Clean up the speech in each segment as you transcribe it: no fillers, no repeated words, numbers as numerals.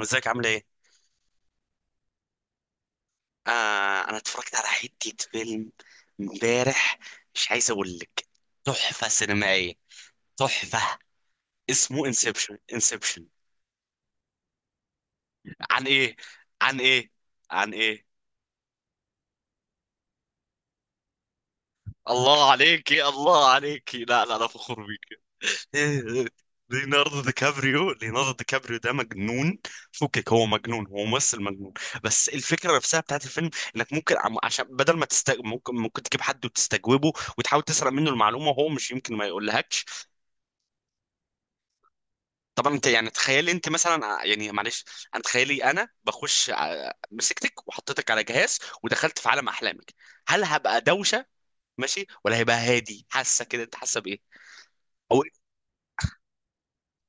ازيك عامل ايه؟ آه، انا اتفرجت على حتة فيلم امبارح. مش عايز اقول لك، تحفة سينمائية، تحفة. اسمه انسبشن انسبشن. عن ايه؟ عن ايه؟ عن ايه؟ الله عليكي، الله عليكي، لا لا، انا فخور بيك. إيه. ليوناردو دي كابريو، ليوناردو دي كابريو ده مجنون. فكك، هو مجنون، هو ممثل مجنون. بس الفكره نفسها بتاعت الفيلم، انك ممكن عم- عشان بدل ما تست... ممكن ممكن تجيب حد وتستجوبه وتحاول تسرق منه المعلومه، وهو مش يمكن ما يقولهاكش. طبعا انت يعني تخيلي انت مثلا يعني معلش، انا مسكتك وحطيتك على جهاز ودخلت في عالم احلامك. هل هبقى دوشه ماشي، ولا هيبقى هادي؟ حاسه كده؟ انت حاسه بايه؟ او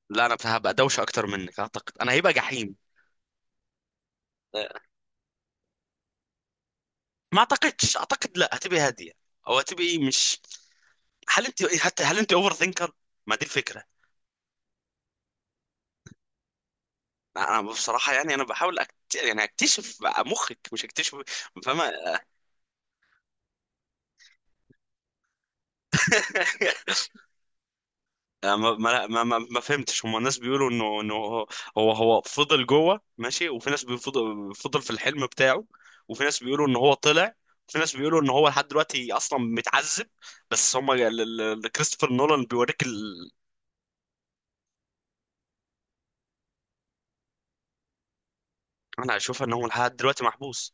لا، انا هبقى دوشه اكتر منك اعتقد، انا هيبقى جحيم. ما اعتقدش، اعتقد لا، هتبقى هاديه او هتبقى مش. هل انت حتى، هل انت اوفر ثينكر؟ ما دي الفكره. انا بصراحه يعني، انا بحاول أكت... يعني اكتشف مخك، مش اكتشف. فما ما فهمتش. هم الناس بيقولوا انه هو، هو فضل جوه، ماشي، وفي ناس بيفضل في الحلم بتاعه، وفي ناس بيقولوا ان هو طلع، وفي ناس بيقولوا ان هو لحد دلوقتي اصلا متعذب. بس هم كريستوفر نولان بيوريك ال... انا اشوفها ان هو لحد دلوقتي محبوس.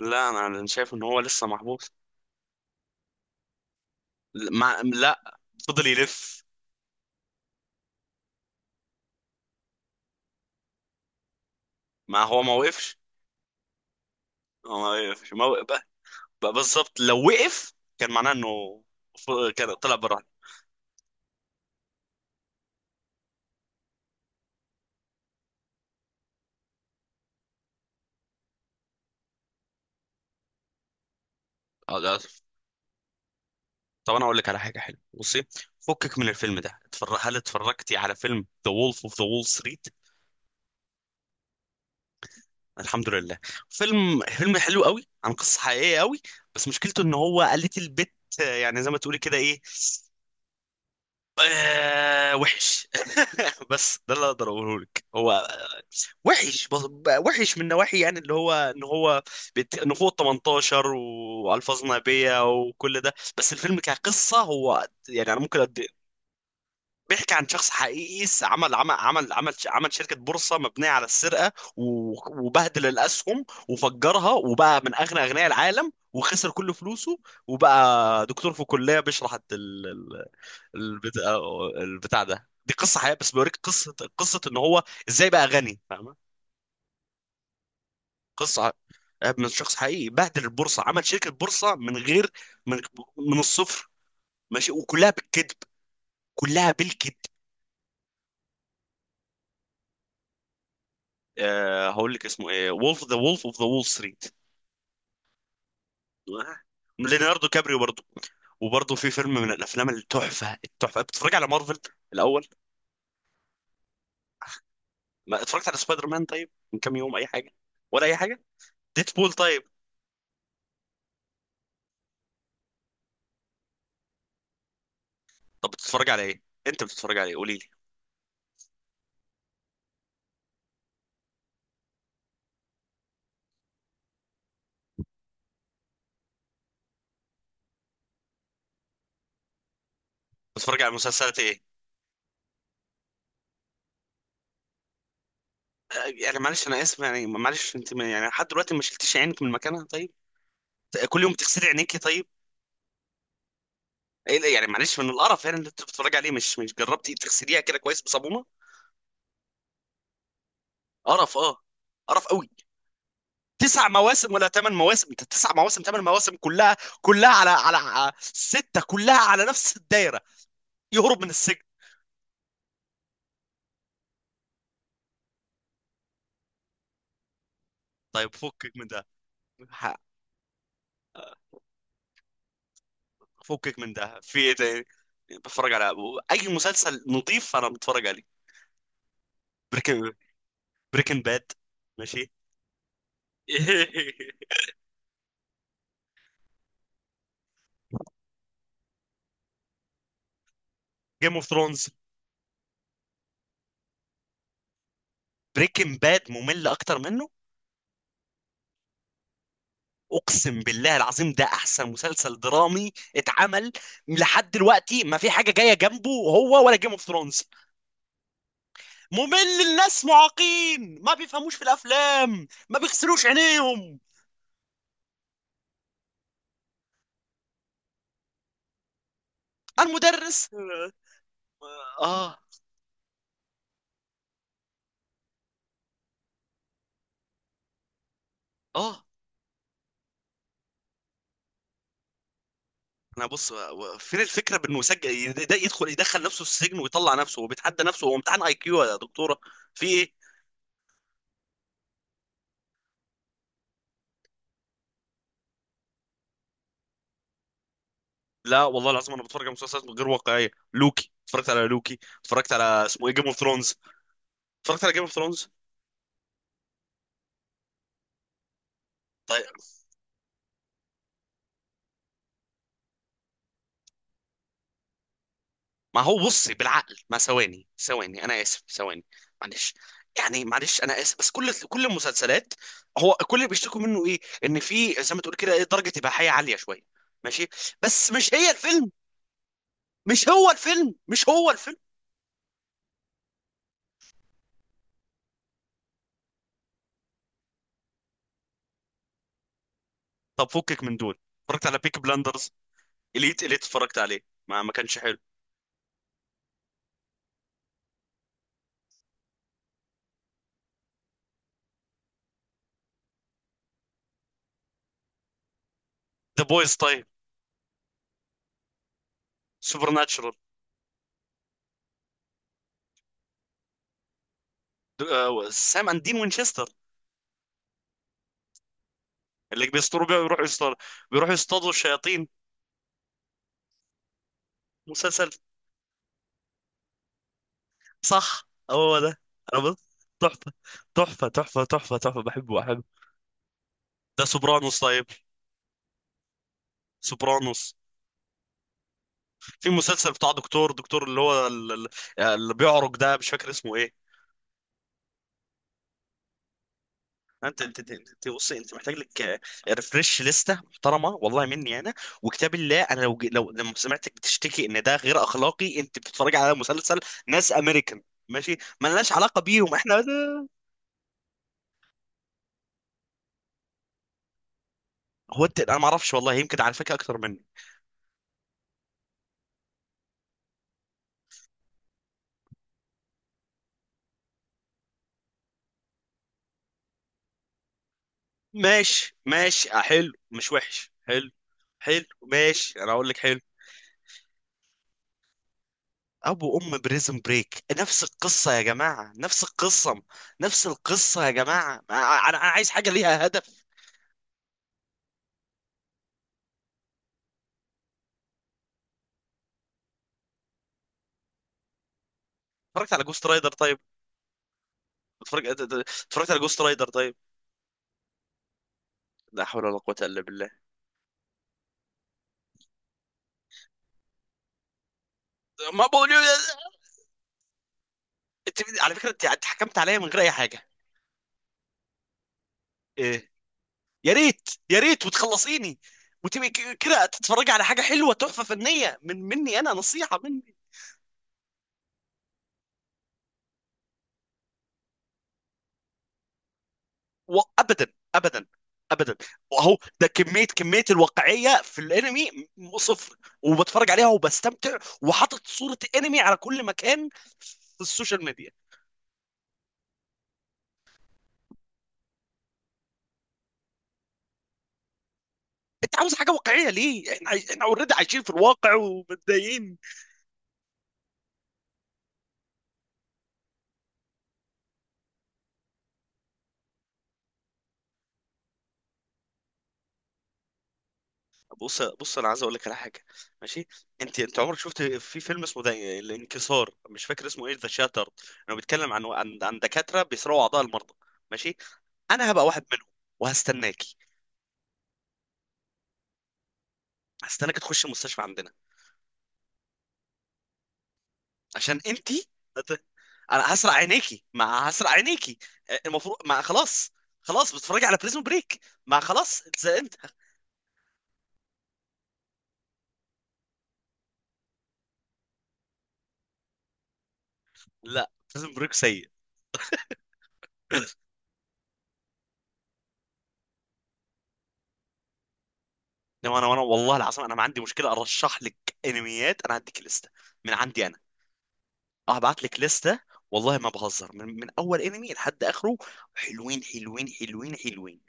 لا انا شايف ان هو لسه محبوس. ما لا، فضل يلف. ما هو ما وقفش. هو ما وقفش، ما وقف بقى بالظبط. لو وقف كان معناه انه كان طلع بره. آه، لا، آسف. طب انا اقول لك على حاجه حلوه، بصي، فكك من الفيلم ده. هل اتفرجتي على فيلم ذا وولف اوف ذا وول ستريت؟ الحمد لله. فيلم حلو قوي، عن قصه حقيقيه قوي. بس مشكلته ان هو، قالت البت، آه، يعني زي ما تقولي كده، ايه، آه وحش. بس ده اللي اقدر اقوله لك. هو وحش بقى، وحش من نواحي، يعني اللي هو ان هو ان هو 18 والفاظ نابيه وكل ده، بس الفيلم كقصه هو يعني انا ممكن أدي... بيحكي عن شخص حقيقي عمل عمل شركه بورصه مبنيه على السرقه و... وبهدل الاسهم وفجرها وبقى من اغنى اغنياء العالم، وخسر كل فلوسه، وبقى دكتور في كليه بيشرح البتاع... البتاع ده. دي قصه حقيقيه، بس بيوريك قصه ان هو ازاي بقى غني، فاهمه؟ قصه آه، من شخص حقيقي بهدل البورصه، عمل شركه بورصه من غير، من، من الصفر، ماشي، وكلها بالكذب، كلها بالكذب. أه، هقول لك اسمه ايه: وولف، ذا وولف اوف ذا وول ستريت. ليوناردو كابريو برضه. وبرضه في فيلم من الافلام التحفه، التحفه، بتتفرج على مارفل الاول؟ ما اتفرجت على سبايدر مان طيب من كام يوم؟ اي حاجه؟ ولا اي حاجه؟ ديدبول طيب؟ طب بتتفرج على ايه انت؟ بتتفرج على ايه قولي لي. بتتفرج على مسلسلات ايه؟ آه، يعني معلش انا اسف، يعني معلش انت يعني لحد دلوقتي ما شلتيش عينك من مكانها؟ طيب، كل يوم تغسلي عينيكي، طيب. إيه، لا، يعني معلش، من القرف يعني اللي انت بتتفرج عليه، مش جربتي تغسليها كده كويس بصابونه؟ قرف، اه، قرف قوي. تسع مواسم ولا ثمان مواسم انت؟ تسع مواسم، ثمان مواسم، كلها على سته، كلها على نفس الدايره، يهرب من السجن. طيب فكك من ده، ح- فكك من ده، في ايه تاني؟ بتفرج على، اي مسلسل نظيف انا بتفرج عليه. بريكن، بريكن باد، ماشي. جيم اوف ثرونز. بريكن باد ممل اكتر منه؟ اقسم بالله العظيم، ده احسن مسلسل درامي اتعمل لحد دلوقتي. ما في حاجه جايه جنبه هو ولا جيم اوف ثرونز. ممل؟ الناس معاقين، ما بيفهموش في الافلام، ما بيغسلوش عينيهم. المدرس. اه. اه. انا بص، فين الفكره، بانه يسجل يدخل نفسه السجن ويطلع نفسه، وبيتحدى نفسه. هو امتحان اي كيو يا دكتوره، في ايه؟ لا والله العظيم، انا بتفرج على مسلسلات غير واقعيه. لوكي اتفرجت على لوكي، اتفرجت على اسمه ايه، جيم اوف ثرونز. اتفرجت على جيم اوف ثرونز. ما هو بصي بالعقل، ما ثواني انا اسف، ثواني، معلش، يعني معلش انا اسف، بس كل المسلسلات، هو كل اللي بيشتكوا منه ايه، ان في زي ما تقول كده ايه، درجه اباحيه عاليه شويه، ماشي، بس مش هي الفيلم، مش هو الفيلم، مش هو الفيلم. طب فكك من دول، اتفرجت على بيك بلاندرز؟ اليت، اليت اتفرجت عليه، ما كانش حلو. ذا بويز طيب؟ سوبر ناتشرال؟ سام اند دين وينشستر، اللي بيستروا بيه ويروحوا يصطادوا، بيروحوا يصطادوا الشياطين. مسلسل، صح، هو ده. انا بص، تحفه تحفه تحفه، بحبه. ده سوبرانوس طيب؟ سوبرانوس. في مسلسل بتاع دكتور اللي هو اللي بيعرج ده، مش فاكر اسمه ايه. بص، انت محتاج لك ريفرش لسته محترمه، والله مني انا، وكتاب الله، انا لو لما سمعتك بتشتكي ان ده غير اخلاقي، انت بتتفرج على مسلسل ناس امريكان، ماشي، ملناش علاقه بيهم احنا. هو انت، انا ما اعرفش والله، يمكن على فكره اكتر منك. ماشي ماشي، آه، حلو، مش وحش، حلو، حلو، ماشي، انا اقول لك حلو. ابو ام بريزن بريك نفس القصه يا جماعه، نفس القصه، نفس القصه يا جماعه، انا عايز حاجه ليها هدف. اتفرجت على جوست رايدر طيب؟ اتفرج- اتفرجت على جوست رايدر طيب؟ لا حول ولا قوه الا بالله. ما بقول. انت على فكره انت حكمت عليا من غير اي حاجه. ايه؟ يا ريت، يا ريت، وتخلصيني، وتبقي كده تتفرجي على حاجه حلوه، تحفه فنيه، من مني انا، نصيحه مني. وابدا، ابدا، ابدا. واهو ده كميه الواقعيه في الانمي، صفر. وبتفرج عليها، وبستمتع، وحاطط صوره انمي على كل مكان في السوشيال ميديا. انت عاوز حاجه واقعيه ليه؟ احنا عايش... احنا اوريدي عايشين في الواقع ومتضايقين. بص، بص، انا عايز اقول لك على حاجه، ماشي؟ انت عمرك شفت في فيلم اسمه ده، الانكسار، مش فاكر اسمه ايه، ذا شاتر؟ انه بيتكلم عن دكاتره بيسرقوا اعضاء المرضى، ماشي؟ انا هبقى واحد منهم، وهستناكي. هستناك تخش المستشفى عندنا، عشان انتي، هت- انا هسرق عينيكي، ما هسرق عينيكي، المفروض، ما خلاص، خلاص بتتفرجي على بريزون بريك، ما خلاص، انت. لا، بريزون بريك سيء. انما انا، والله العظيم، انا ما عندي مشكله ارشح لك انميات، انا هديك لسته من عندي انا. أه، هبعت لك لسته. والله ما بهزر، من اول انمي لحد اخره، حلوين.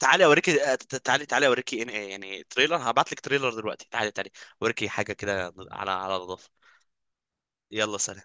تعالي اوريكي، آه، تعالي، تعالي اوريكي، آه، يعني تريلر، هبعت لك تريلر دلوقتي، تعالي، تعالي اوريكي حاجه كده على على نظافه. يلا، سلام.